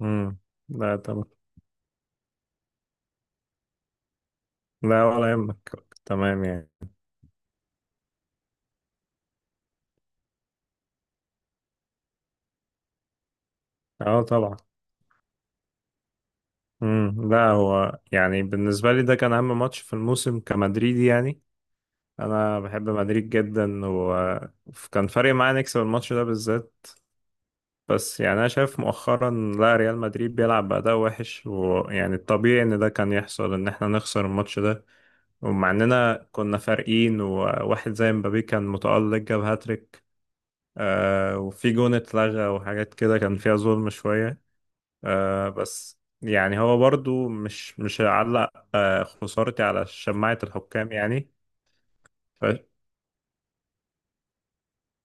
امم. لا طبعا. لا ولا يهمك. تمام يعني. اه طبعا. لا، هو يعني بالنسبة لي ده كان أهم ماتش في الموسم كمدريدي يعني. أنا بحب مدريد جدا، وكان فارق معايا نكسب الماتش ده بالذات. بس يعني أنا شايف مؤخرا، لا ريال مدريد بيلعب بأداء وحش، ويعني الطبيعي إن ده كان يحصل إن إحنا نخسر الماتش ده. ومع إننا كنا فارقين وواحد زي مبابي كان متألق جاب هاتريك. وفي جون اتلغى وحاجات كده كان فيها ظلم شوية. بس يعني هو برضو مش هعلق خسارتي على شماعة الحكام يعني. ف...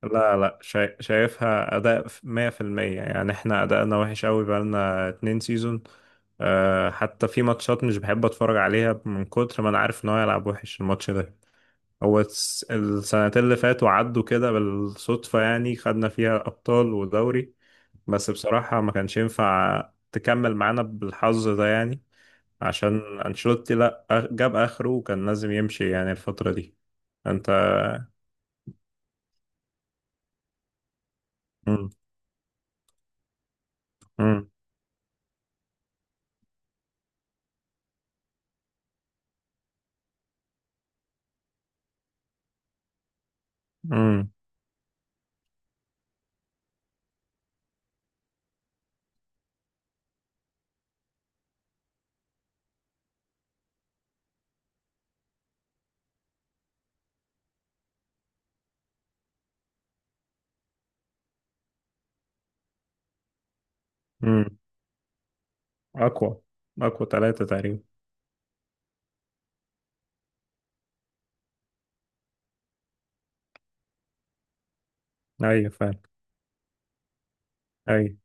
لا لا، شايفها أداء 100%، يعني احنا أداءنا وحش قوي بقالنا 2 سيزون. حتى في ماتشات مش بحب أتفرج عليها من كتر ما أنا عارف إن هو هيلعب وحش الماتش ده. هو السنتين اللي فاتوا عدوا كده بالصدفة، يعني خدنا فيها أبطال ودوري. بس بصراحة ما كانش ينفع تكمل معانا بالحظ ده يعني. عشان أنشيلوتي لا أخ- جاب آخره وكان لازم يمشي يعني الفترة دي. أنت. مم. مم. مم. مم. أقوى أقوى ثلاثة تقريبا. أيوة فعلا. أيوة.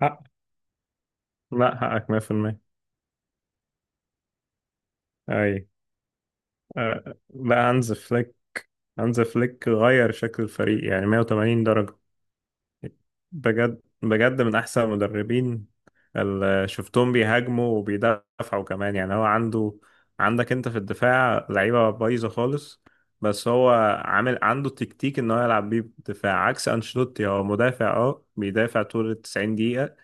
حق. لا، حقك 100%. أيوة. أه. لا، هانز فليك هانز فليك غير شكل الفريق يعني 180 درجة. بجد بجد من أحسن المدربين. شفتهم بيهاجموا وبيدافعوا كمان، يعني هو عنده. عندك انت في الدفاع لعيبة بايظة خالص. بس هو عامل عنده تكتيك ان هو يلعب بيه بدفاع عكس انشيلوتي. هو مدافع، اه بيدافع طول ال 90 دقيقة.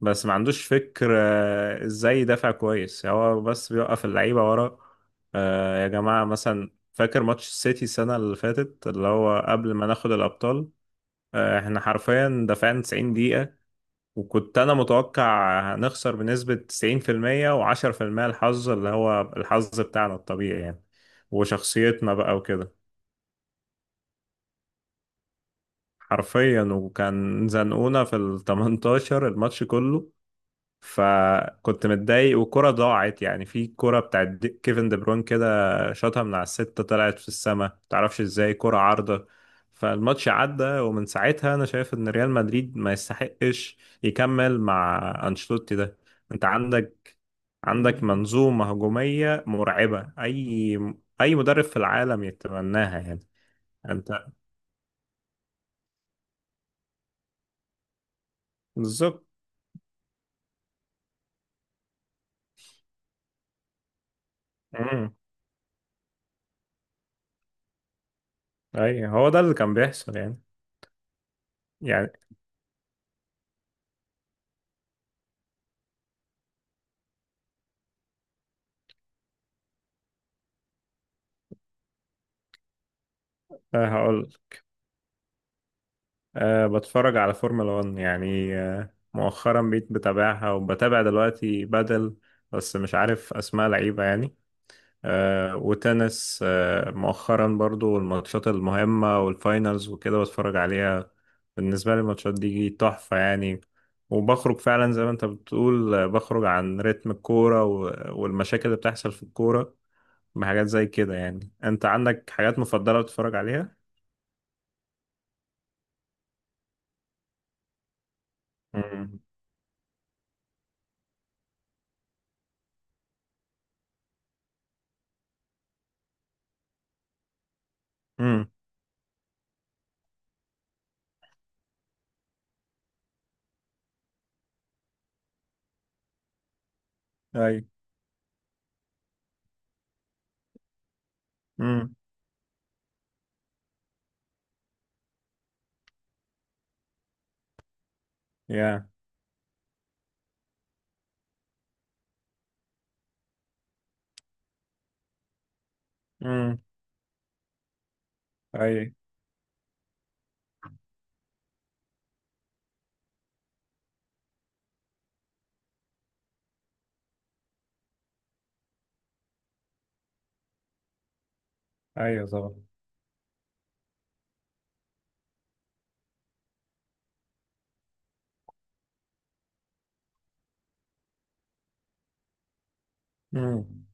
بس ما عندوش فكر، ازاي يدافع كويس. هو بس بيوقف اللعيبة ورا. يا جماعة مثلا فاكر ماتش السيتي السنة اللي فاتت، اللي هو قبل ما ناخد الأبطال. احنا حرفيا دافعنا 90 دقيقة. وكنت انا متوقع هنخسر بنسبة 90% و10%، الحظ اللي هو الحظ بتاعنا الطبيعي يعني. وشخصيتنا بقى وكده. حرفيا وكان زنقونا في ال 18 الماتش كله. فكنت متضايق وكرة ضاعت، يعني في كرة بتاعت كيفن دي بروين كده، شاطها من على الستة طلعت في السماء، متعرفش ازاي كرة عارضة. فالماتش عدى، ومن ساعتها انا شايف ان ريال مدريد ما يستحقش يكمل مع انشيلوتي ده. انت. عندك منظومة هجومية مرعبة. اي مدرب في العالم يتمناها يعني. انت بالظبط. امم. اي، هو ده اللي كان بيحصل يعني. يعني هقول أه، بتفرج على فورمولا 1، يعني أه مؤخرا بقيت بتابعها، وبتابع دلوقتي بدل. بس مش عارف أسماء لعيبة يعني. أه وتنس، أه مؤخرا برضو الماتشات المهمة والفاينلز وكده بتفرج عليها. بالنسبة لي الماتشات دي تحفة يعني. وبخرج فعلا زي ما انت بتقول، بخرج عن رتم الكورة والمشاكل اللي بتحصل في الكورة. بحاجات زي كده، يعني انت عندك حاجات مفضلة بتتفرج عليها؟ امم. امم. اي. امم. يا. امم. اي. ايوه طبعا. امم.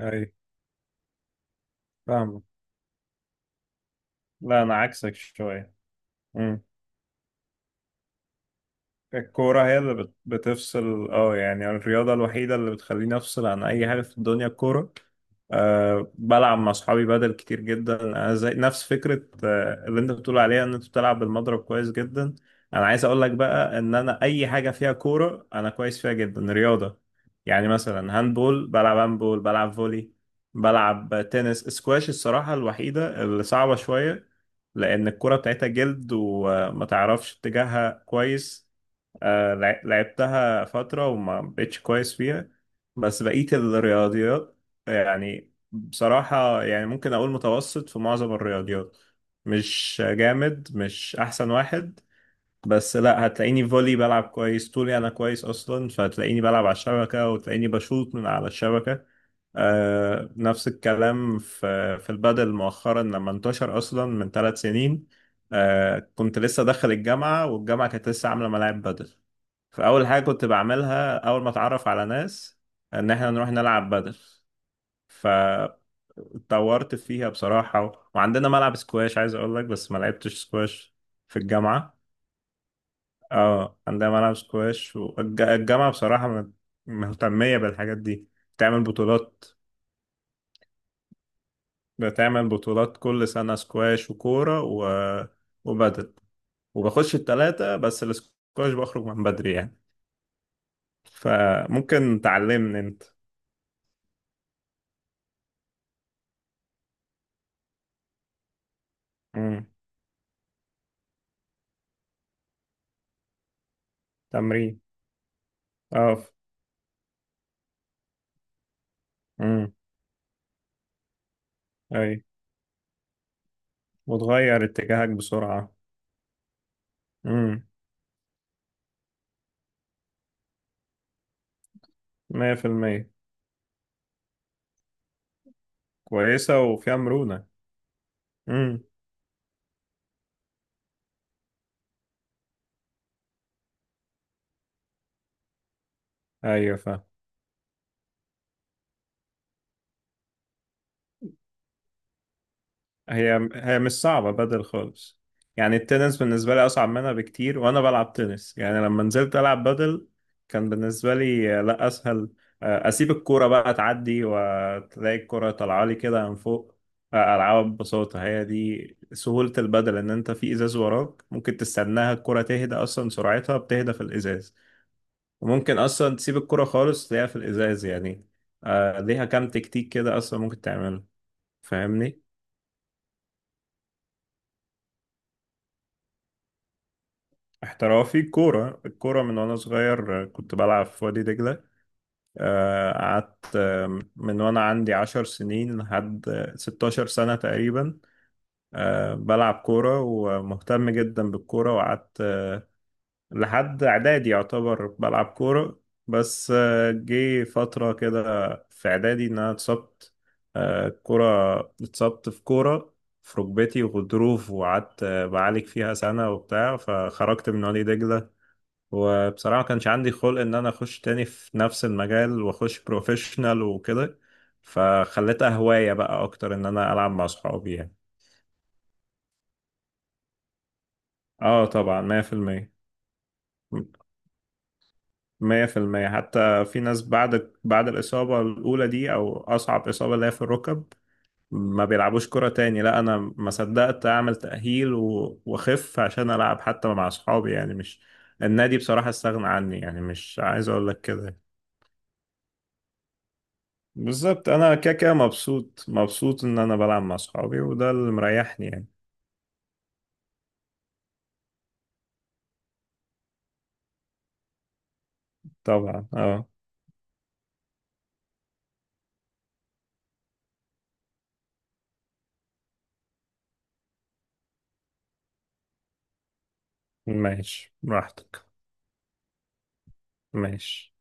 اي. فاهمك. لا، انا عكسك شويه. مم. الكورة هي اللي بتفصل، اه يعني الرياضة الوحيدة اللي بتخليني أفصل عن أي حاجة في الدنيا الكورة. أه بلعب مع أصحابي بدل كتير جدا، أنا زي نفس فكرة اللي أنت بتقول عليها إن أنت بتلعب بالمضرب كويس جدا. أنا عايز أقول لك بقى إن أنا أي حاجة فيها كورة أنا كويس فيها جدا رياضة. يعني مثلا هاندبول، بلعب هاندبول، بلعب فولي، بلعب تنس، سكواش الصراحة الوحيدة اللي صعبة شوية، لأن الكرة بتاعتها جلد وما تعرفش اتجاهها كويس. لعبتها فترة وما بقتش كويس فيها. بس بقيت الرياضيات يعني بصراحة، يعني ممكن أقول متوسط في معظم الرياضيات. مش جامد، مش أحسن واحد. بس لا، هتلاقيني فولي بلعب كويس، طولي انا كويس اصلا، فهتلاقيني بلعب على الشبكه وتلاقيني بشوط من على الشبكه. آه نفس الكلام في البادل مؤخرا لما انتشر اصلا من 3 سنين. آه كنت لسه داخل الجامعه، والجامعه كانت لسه عامله ملاعب بادل. فاول حاجه كنت بعملها اول ما اتعرف على ناس، ان احنا نروح نلعب بادل. فاتطورت فيها بصراحه. وعندنا ملعب سكواش عايز اقول لك، بس ما لعبتش سكواش في الجامعه. اه عندها ملعب سكواش، والجامعة بصراحة مهتمية بالحاجات دي. بتعمل بطولات بتعمل بطولات كل سنة، سكواش وكورة وبدل، وبخش التلاتة بس السكواش بخرج من بدري يعني. فممكن تعلمني انت. مم. تمرين. اه. امم. اي. وتغير اتجاهك بسرعة. امم. 100%. كويسة وفيها مرونة. امم. ايوه فاهم. هي هي مش صعبة بدل خالص، يعني التنس بالنسبة لي أصعب منها بكتير، وأنا بلعب تنس يعني لما نزلت ألعب بدل كان بالنسبة لي، لا أسهل. أسيب الكورة بقى تعدي، وتلاقي الكورة طالعة لي كده من فوق، ألعبها ببساطة. هي دي سهولة البدل إن أنت في إزاز وراك ممكن تستناها الكورة تهدى، أصلا سرعتها بتهدى في الإزاز. وممكن أصلا تسيب الكورة خالص تلاقيها في الإزاز يعني. ليها كام تكتيك كده أصلا ممكن تعمله. فاهمني؟ احترافي كورة، الكورة من وأنا صغير كنت بلعب في وادي دجلة، قعدت من وأنا عندي 10 سنين لحد 16 سنة تقريبا، بلعب كورة ومهتم جدا بالكورة. وقعدت لحد إعدادي يعتبر بلعب كورة. بس جه فترة كده في إعدادي إن أنا اتصبت، كورة. اتصبت في كورة في ركبتي وغضروف، وقعدت بعالج فيها سنة وبتاع، فخرجت من وادي دجلة. وبصراحة ما كانش عندي خلق إن أنا أخش تاني في نفس المجال وأخش بروفيشنال وكده، فخليتها هواية بقى أكتر إن أنا ألعب مع صحابي يعني. آه طبعا 100%. 100% حتى في ناس بعد الإصابة الأولى دي، أو أصعب إصابة اللي هي في الركب، ما بيلعبوش كرة تاني. لا أنا ما صدقت أعمل تأهيل وأخف عشان ألعب حتى مع صحابي، يعني مش النادي بصراحة استغنى عني يعني مش عايز أقول لك كده. بالظبط. انا كده كده مبسوط، مبسوط ان انا بلعب مع اصحابي، وده اللي مريحني يعني. طبعا اه. ماشي براحتك. ماشي.